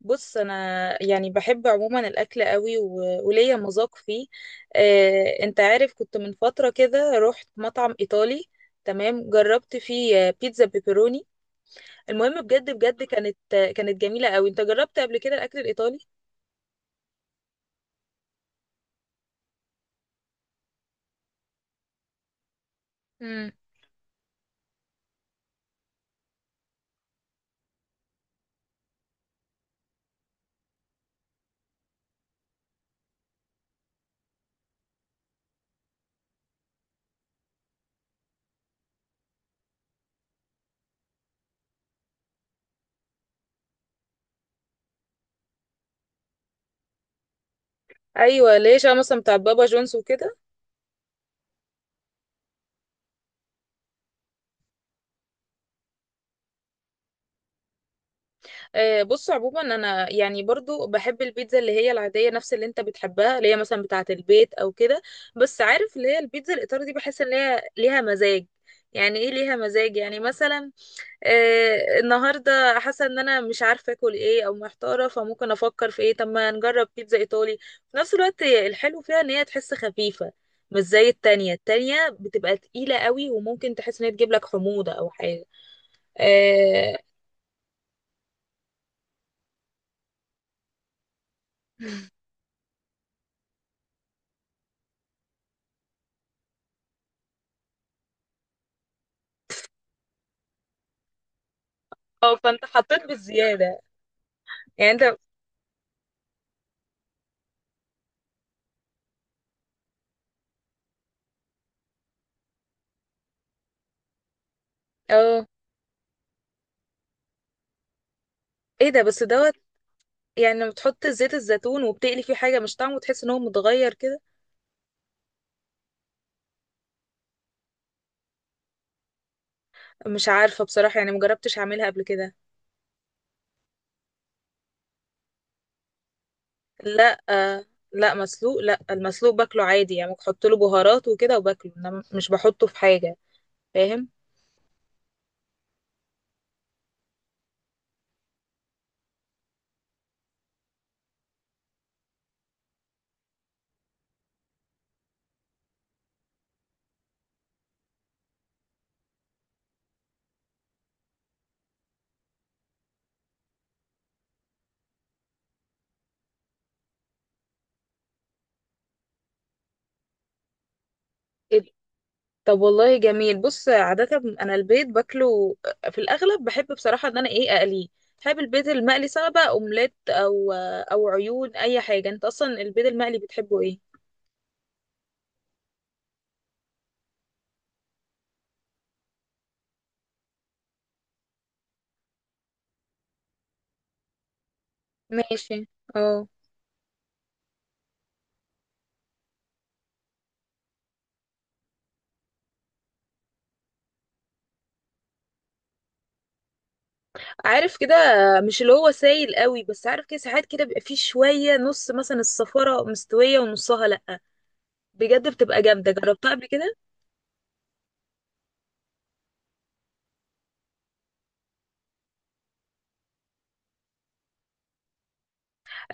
بص انا يعني بحب عموما الاكل قوي وليا مذاق فيه. انت عارف، كنت من فتره كده رحت مطعم ايطالي. تمام، جربت فيه بيتزا بيبروني. المهم بجد بجد كانت كانت جميله قوي. انت جربت قبل كده الاكل الايطالي؟ امم. ايوه، ليش؟ انا مثلا بتاع بابا جونز وكده. بص، عموما انا يعني برضو بحب البيتزا اللي هي العاديه، نفس اللي انت بتحبها، اللي هي مثلا بتاعه البيت او كده. بس عارف اللي هي البيتزا الايطالي دي بحس ان هي ليها مزاج. يعني ايه ليها مزاج؟ يعني مثلا النهارده حاسه ان انا مش عارفه اكل ايه او محتاره، فممكن افكر في ايه؟ طب ما نجرب بيتزا ايطالي. في نفس الوقت الحلو فيها ان هي تحس خفيفه، مش زي التانية. التانية بتبقى تقيلة قوي، وممكن تحس ان هي تجيب لك حموضة او حاجة. اه. فانت حطيت بالزيادة. يعني انت، اه. ايه ده؟ بس دوت. يعني لما بتحط زيت الزيتون وبتقلي فيه حاجه مش طعمه تحس ان هو متغير كده؟ مش عارفه بصراحه، يعني مجربتش اعملها قبل كده. لا، آه. لا مسلوق، لا، المسلوق باكله عادي، يعني بحط له بهارات وكده وباكله، انا مش بحطه في حاجه. فاهم. إيه ده؟ طب والله جميل. بص، عاده انا البيض باكله في الاغلب، بحب بصراحه ان انا اقليه. بحب البيض المقلي سواء بقى اومليت او عيون، اي حاجه. انت اصلا البيض المقلي بتحبه ايه؟ ماشي. اه. عارف كده، مش اللي هو سايل قوي، بس عارف كده ساعات كده بيبقى فيه شوية، نص مثلا الصفارة مستوية ونصها لأ. بجد بتبقى جامدة، جربتها قبل كده.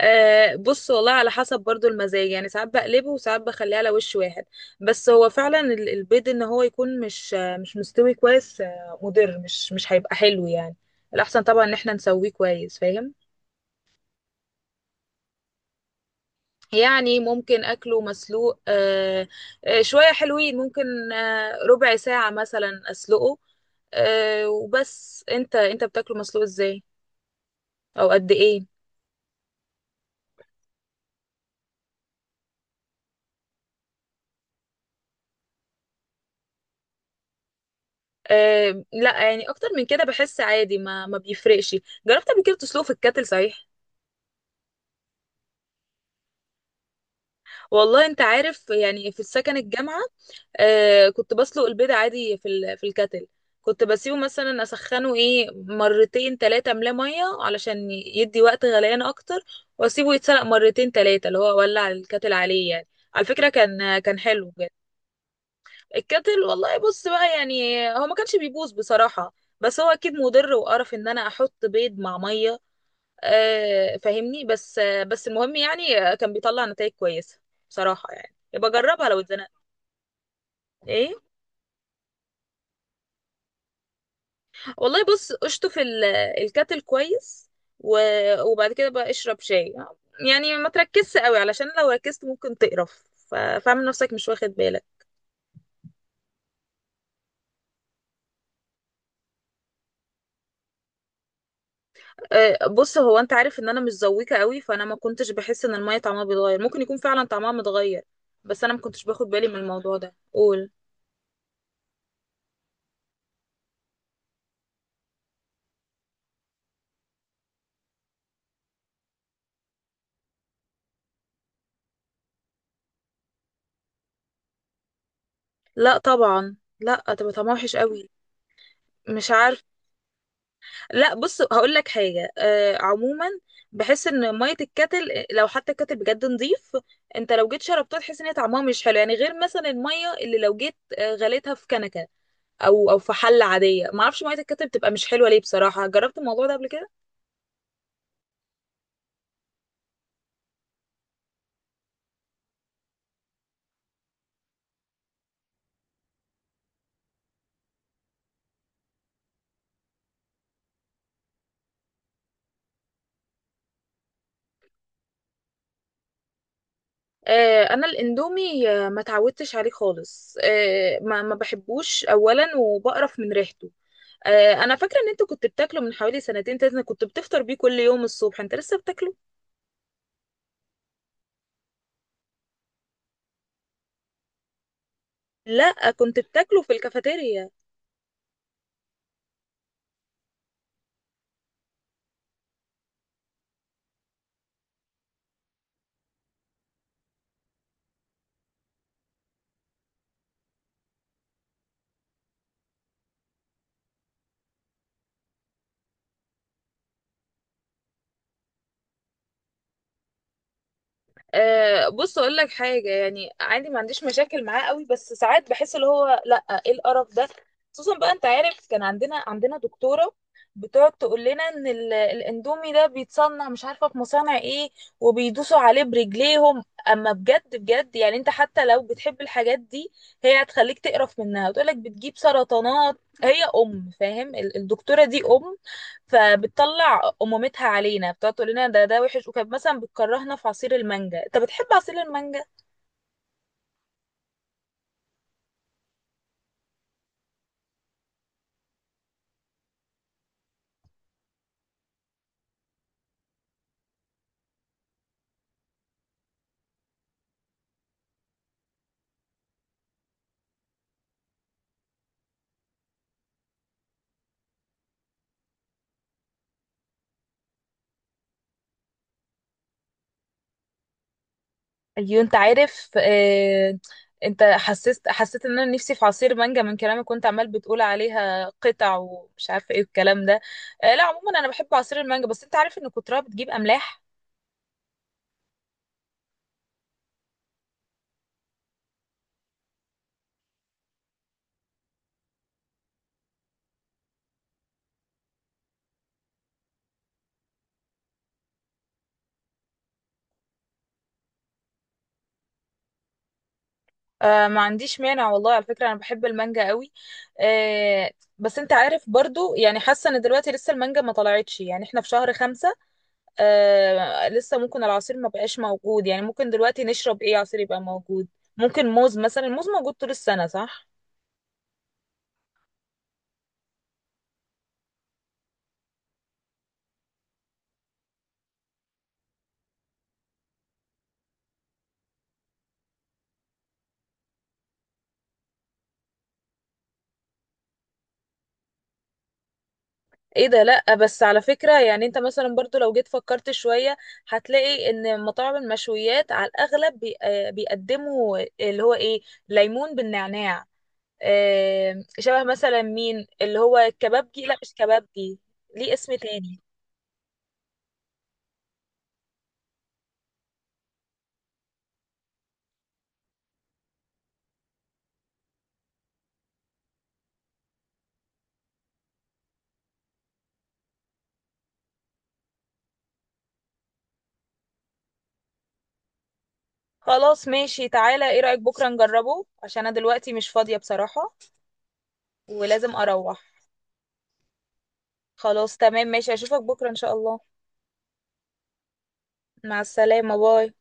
آه، بص والله على حسب برضو المزاج، يعني ساعات بقلبه وساعات بخليه على وش واحد. بس هو فعلا البيض ان هو يكون مش مستوي كويس مضر، مش هيبقى حلو يعني. الأحسن طبعا ان احنا نسويه كويس. فاهم؟ يعني ممكن اكله مسلوق. شوية حلوين، ممكن ربع ساعة مثلا اسلقه وبس. انت بتاكله مسلوق ازاي، او قد ايه؟ لا، يعني اكتر من كده بحس عادي، ما بيفرقش. جربت قبل كده تسلقه في الكاتل صحيح؟ والله انت عارف، يعني في السكن الجامعة آه، كنت بسلق البيض عادي في في الكتل. كنت بسيبه مثلا اسخنه ايه مرتين تلاتة، املاه ميه علشان يدي وقت غليان اكتر، واسيبه يتسلق مرتين تلاتة، اللي هو اولع الكتل عليه يعني. على فكرة كان حلو بجد. الكتل والله، بص بقى، يعني هو ما كانش بيبوظ بصراحة، بس هو اكيد مضر وقرف ان انا احط بيض مع ميه. آه، فاهمني؟ بس المهم، يعني كان بيطلع نتائج كويسة بصراحة، يعني يبقى جربها لو اتزنقت. ايه والله، بص، اشطف الكاتل كويس و... وبعد كده بقى اشرب شاي، يعني ما تركزش قوي علشان لو ركزت ممكن تقرف، فاعمل نفسك مش واخد بالك. أه، بص، هو انت عارف ان انا مش ذويقه قوي، فانا ما كنتش بحس ان الميه طعمها بيتغير. ممكن يكون فعلا طعمها متغير بس انا ما كنتش باخد بالي من الموضوع ده. قول. لا طبعا لا، تبقى طعمها وحش قوي. مش عارفه. لا، بص هقول لك حاجه، آه، عموما بحس ان ميه الكتل، لو حتى الكتل بجد نظيف، انت لو جيت شربتها تحس ان هي طعمها مش حلو، يعني غير مثلا الميه اللي لو جيت غليتها في كنكه او في حله عاديه. ما اعرفش ميه الكتل بتبقى مش حلوه ليه بصراحه. جربت الموضوع ده قبل كده؟ آه، انا الاندومي ما اتعودتش عليه خالص. ما بحبوش اولا، وبقرف من ريحته. آه، انا فاكره ان انت كنت بتاكله من حوالي سنتين تلاته، كنت بتفطر بيه كل يوم الصبح. انت لسه بتاكله؟ لا، كنت بتاكله في الكافيتيريا. أه، بص اقول لك حاجه، يعني عادي ما عنديش مشاكل معاه قوي، بس ساعات بحس اللي هو لا، ايه القرف ده. خصوصا بقى انت عارف، كان عندنا دكتوره بتقعد تقول لنا ان الاندومي ده بيتصنع مش عارفه في مصانع ايه، وبيدوسوا عليه برجليهم. اما بجد بجد يعني، انت حتى لو بتحب الحاجات دي، هي هتخليك تقرف منها وتقول لك بتجيب سرطانات. هي فاهم، الدكتوره دي فبتطلع أمومتها علينا، بتقعد تقول لنا ده وحش، وكانت مثلا بتكرهنا في عصير المانجا. انت بتحب عصير المانجا؟ ايوه، انت عارف، اه. انت حسيت ان انا نفسي في عصير مانجا من كلامك، كنت عمال بتقول عليها قطع ومش عارفه ايه الكلام ده. اه، لا عموما انا بحب عصير المانجا، بس انت عارف ان كترها بتجيب املاح. آه، ما عنديش مانع والله. على فكرة أنا بحب المانجا قوي، آه. بس أنت عارف برضو، يعني حاسة إن دلوقتي لسه المانجا ما طلعتش، يعني إحنا في شهر 5. آه، لسه ممكن العصير ما بقاش موجود. يعني ممكن دلوقتي نشرب ايه عصير يبقى موجود؟ ممكن موز مثلا، الموز موجود طول السنة، صح؟ ايه ده؟ لا، بس على فكرة يعني انت مثلا برضو لو جيت فكرت شوية هتلاقي ان مطاعم المشويات على الاغلب بيقدموا اللي هو ايه. ليمون بالنعناع، شبه مثلا مين اللي هو الكبابجي. لا مش كبابجي، ليه اسم تاني. خلاص ماشي، تعالى، ايه رأيك بكرة نجربه، عشان انا دلوقتي مش فاضية بصراحة ولازم اروح. خلاص تمام ماشي، اشوفك بكرة ان شاء الله. مع السلامة، باي.